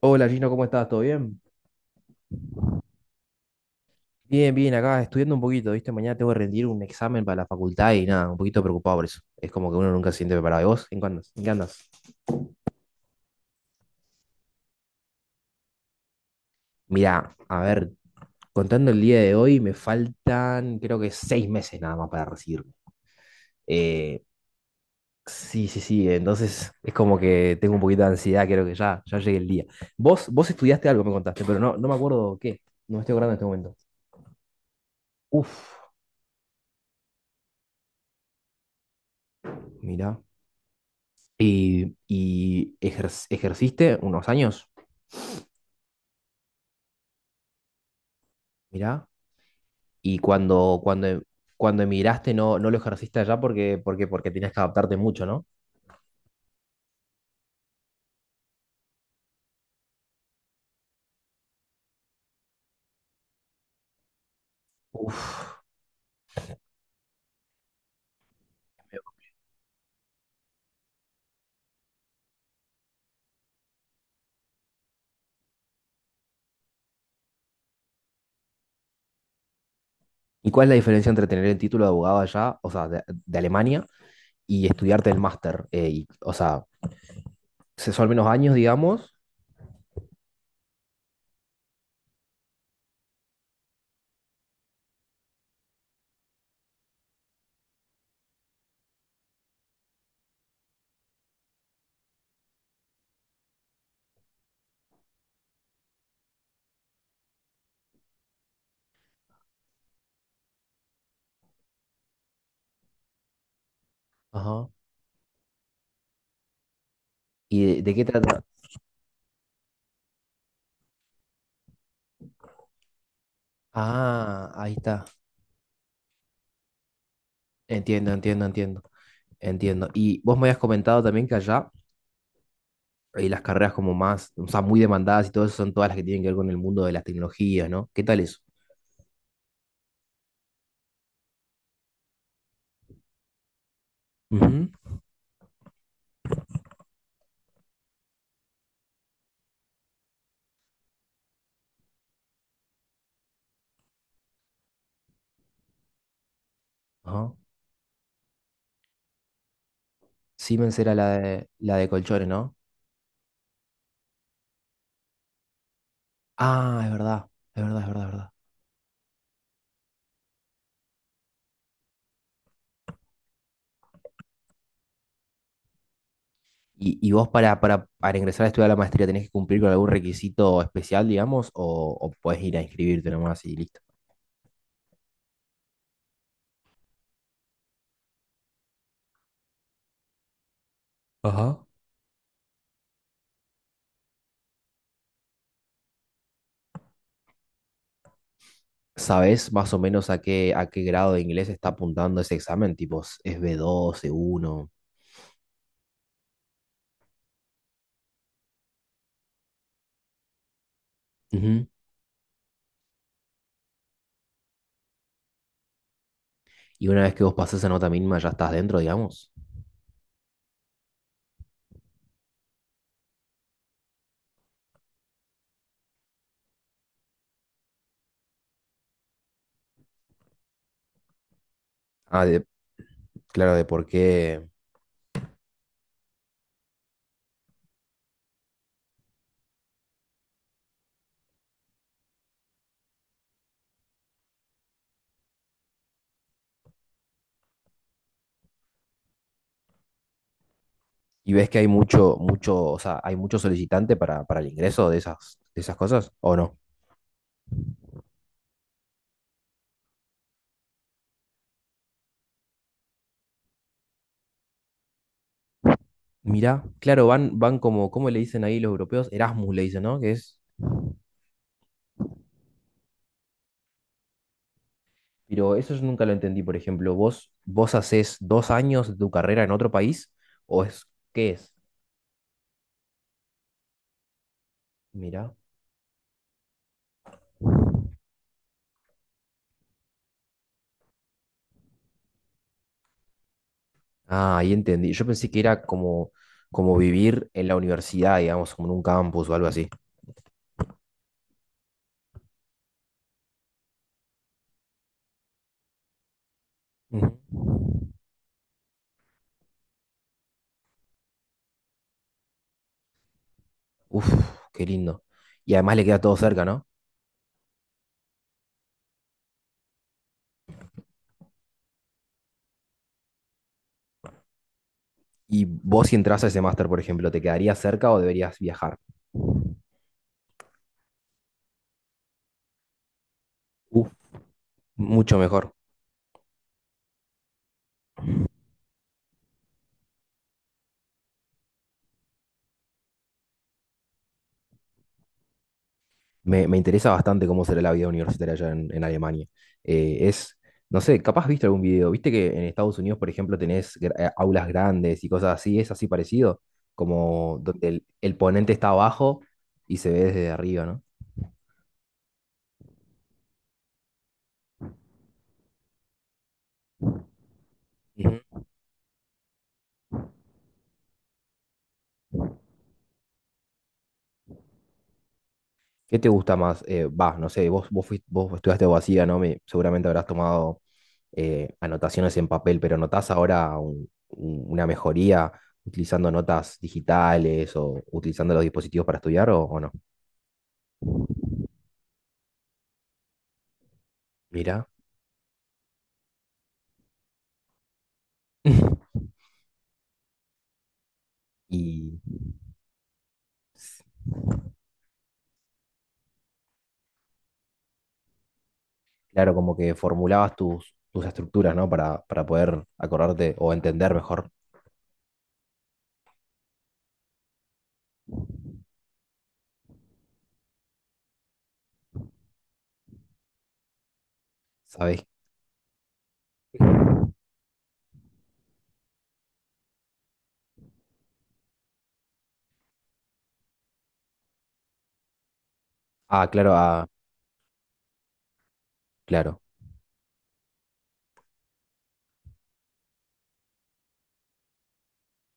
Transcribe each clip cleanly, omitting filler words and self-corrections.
Hola Gino, ¿cómo estás? ¿Todo bien? Bien, bien, acá estudiando un poquito, ¿viste? Mañana tengo que rendir un examen para la facultad y nada, un poquito preocupado por eso. Es como que uno nunca se siente preparado. ¿Y vos? ¿En qué andas? Mirá, a ver, contando el día de hoy, me faltan creo que 6 meses nada más para recibirme. Eh, sí, sí, sí, entonces es como que tengo un poquito de ansiedad, creo que ya llegue el día. Vos estudiaste algo, me contaste, pero no me acuerdo qué. No me estoy acordando en este momento. Uf, mirá. ¿Y, ejerciste unos años? Mirá. Y cuando emigraste no lo ejerciste allá porque, porque tenías que adaptarte mucho, ¿no? Uf. ¿Y cuál es la diferencia entre tener el título de abogado allá, o sea, de Alemania, y estudiarte el máster? Y, o sea, son menos años, digamos. Ajá. ¿Y de qué trata? Ah, ahí está. Entiendo, entiendo, entiendo. Entiendo. Y vos me habías comentado también que allá las carreras como más, o sea, muy demandadas y todo eso son todas las que tienen que ver con el mundo de las tecnologías, ¿no? ¿Qué tal eso? Ujú. Ajá. Siemens era la de colchones, ¿no? Ah, es verdad, es verdad, es verdad, es verdad. Y vos para ingresar a estudiar la maestría tenés que cumplir con algún requisito especial, digamos, o podés ir a inscribirte nomás y listo? Ajá. ¿Sabés más o menos a qué grado de inglés está apuntando ese examen? Tipo, es B2 C1. Ujú. Y una vez que vos pasás esa nota mínima, ya estás dentro, digamos. Ah, de- claro, de por qué. Y ves que hay mucho, mucho, o sea, hay mucho solicitante para el ingreso de esas cosas, ¿o no? Mirá, claro, van, van como, ¿cómo le dicen ahí los europeos? Erasmus le dicen, ¿no? Que es, pero eso yo nunca lo entendí, por ejemplo, vos hacés 2 años de tu carrera en otro país? ¿O es, qué es? Mirá. Ah, ahí entendí. Yo pensé que era como, como vivir en la universidad, digamos, como en un campus o algo así. Ujú. Uf, qué lindo. Y además le queda todo cerca, ¿no? Y vos si entras a ese máster, por ejemplo, ¿te quedaría cerca o deberías viajar? Uf, mucho mejor. Me interesa bastante cómo será la vida universitaria allá en Alemania. Es, no sé, capaz viste algún video, viste que en Estados Unidos, por ejemplo, tenés aulas grandes y cosas así, es así parecido, como donde el ponente está abajo y se ve desde arriba, ¿no? Ujú. ¿Qué te gusta más? Va, no sé, vos estudiaste abogacía, ¿no? Seguramente habrás tomado anotaciones en papel, pero ¿notás ahora una mejoría utilizando notas digitales o utilizando los dispositivos para estudiar o no? Mira. Y s- claro, como que formulabas tus, tus estructuras, ¿no? Para poder acordarte o entender mejor, ¿sabes? Ah, claro, ah, claro.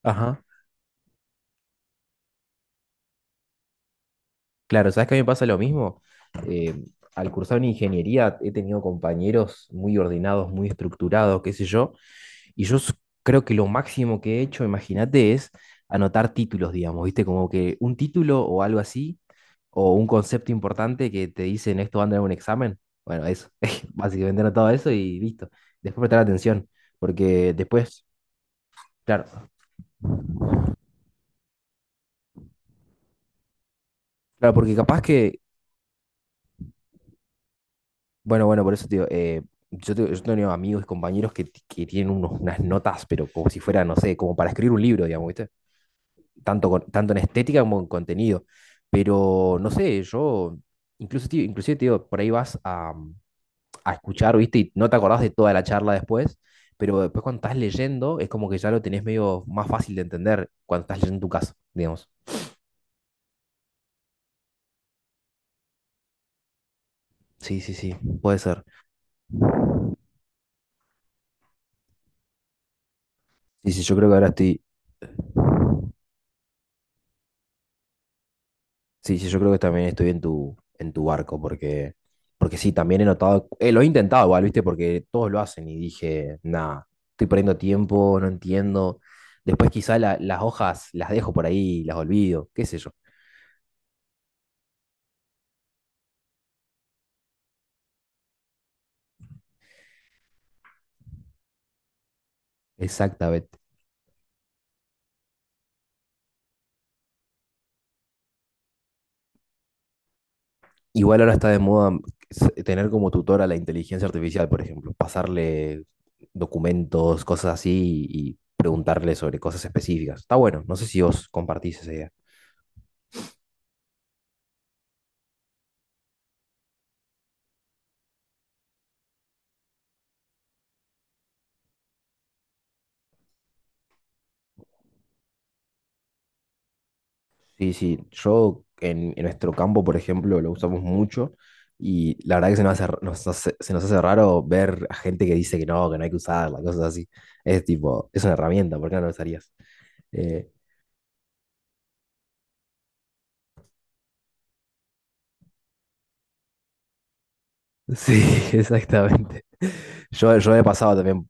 Ajá. Claro, ¿sabes que a mí me pasa lo mismo? Eh, al cursar una ingeniería he tenido compañeros muy ordenados, muy estructurados, qué sé yo, y creo que lo máximo que he hecho, imagínate, es anotar títulos, digamos, ¿viste? Como que un título o algo así, o un concepto importante que te dicen esto va a andar en un examen. Bueno, eso, básicamente anotado eso y listo. Después prestar atención, porque claro, claro, porque capaz que bueno, bueno, por eso, tío, yo, yo tengo amigos y compañeros que tienen unas notas, pero como si fuera, no sé, como para escribir un libro, digamos, ¿viste? Tanto, tanto en estética como en contenido. Pero, no sé, yo, incluso, tío, inclusive, tío, por ahí a escuchar, ¿viste? Y no te acordás de toda la charla después, pero después cuando estás leyendo es como que ya lo tenés medio más fácil de entender cuando estás leyendo tu caso, digamos. Sí, sí, sí, puede ser. Sí, sí, yo creo que ahora estoy... Sí, sí, yo creo que también estoy en tu barco, porque, porque sí, también he notado, lo he intentado igual, ¿viste? Porque todos lo hacen y dije, nada, estoy perdiendo tiempo, no entiendo. Después quizá las hojas las dejo por ahí, las olvido, qué sé yo. Exactamente. Igual ahora está de moda tener como tutor a la inteligencia artificial, por ejemplo, pasarle documentos, cosas así y preguntarle sobre cosas específicas. Está bueno, no sé si vos compartís esa idea. Sí, sí, yo en nuestro campo, por ejemplo, lo usamos mucho y la verdad que se nos hace raro ver a gente que dice que no hay que usarla, cosas así. Es tipo, es una herramienta, ¿por qué no la usarías? Eh, sí, exactamente. Yo he pasado también,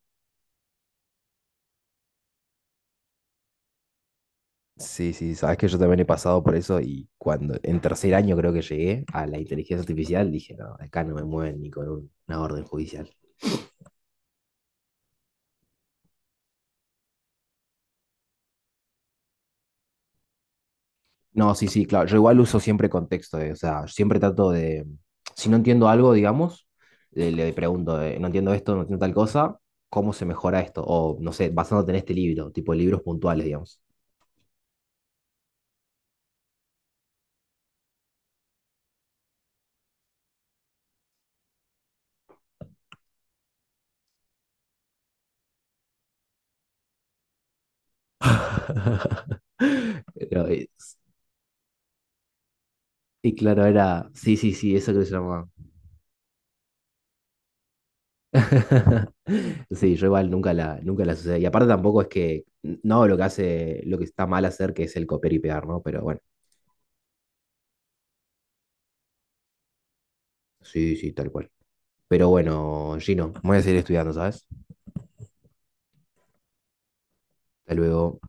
sí, sí, sabes que yo también he pasado por eso y cuando en tercer año creo que llegué a la inteligencia artificial dije, no, acá no me mueven ni con una orden judicial. No, sí, sí, claro. Yo igual uso siempre contexto, o sea, siempre trato de. Si no entiendo algo, digamos, le pregunto, no entiendo esto, no entiendo tal cosa, ¿cómo se mejora esto? O no sé, basándote en este libro, tipo libros puntuales, digamos. Pero, y claro, era. Sí, sí, sí, eso creo que se llama. Sí, yo igual nunca la sucede. Y aparte tampoco es que. No, hago lo que hace, lo que está mal hacer, que es el copiar y pegar, ¿no? Pero bueno, sí, sí, tal cual. Pero bueno, Gino, me voy a seguir estudiando, ¿sabes? Hasta luego.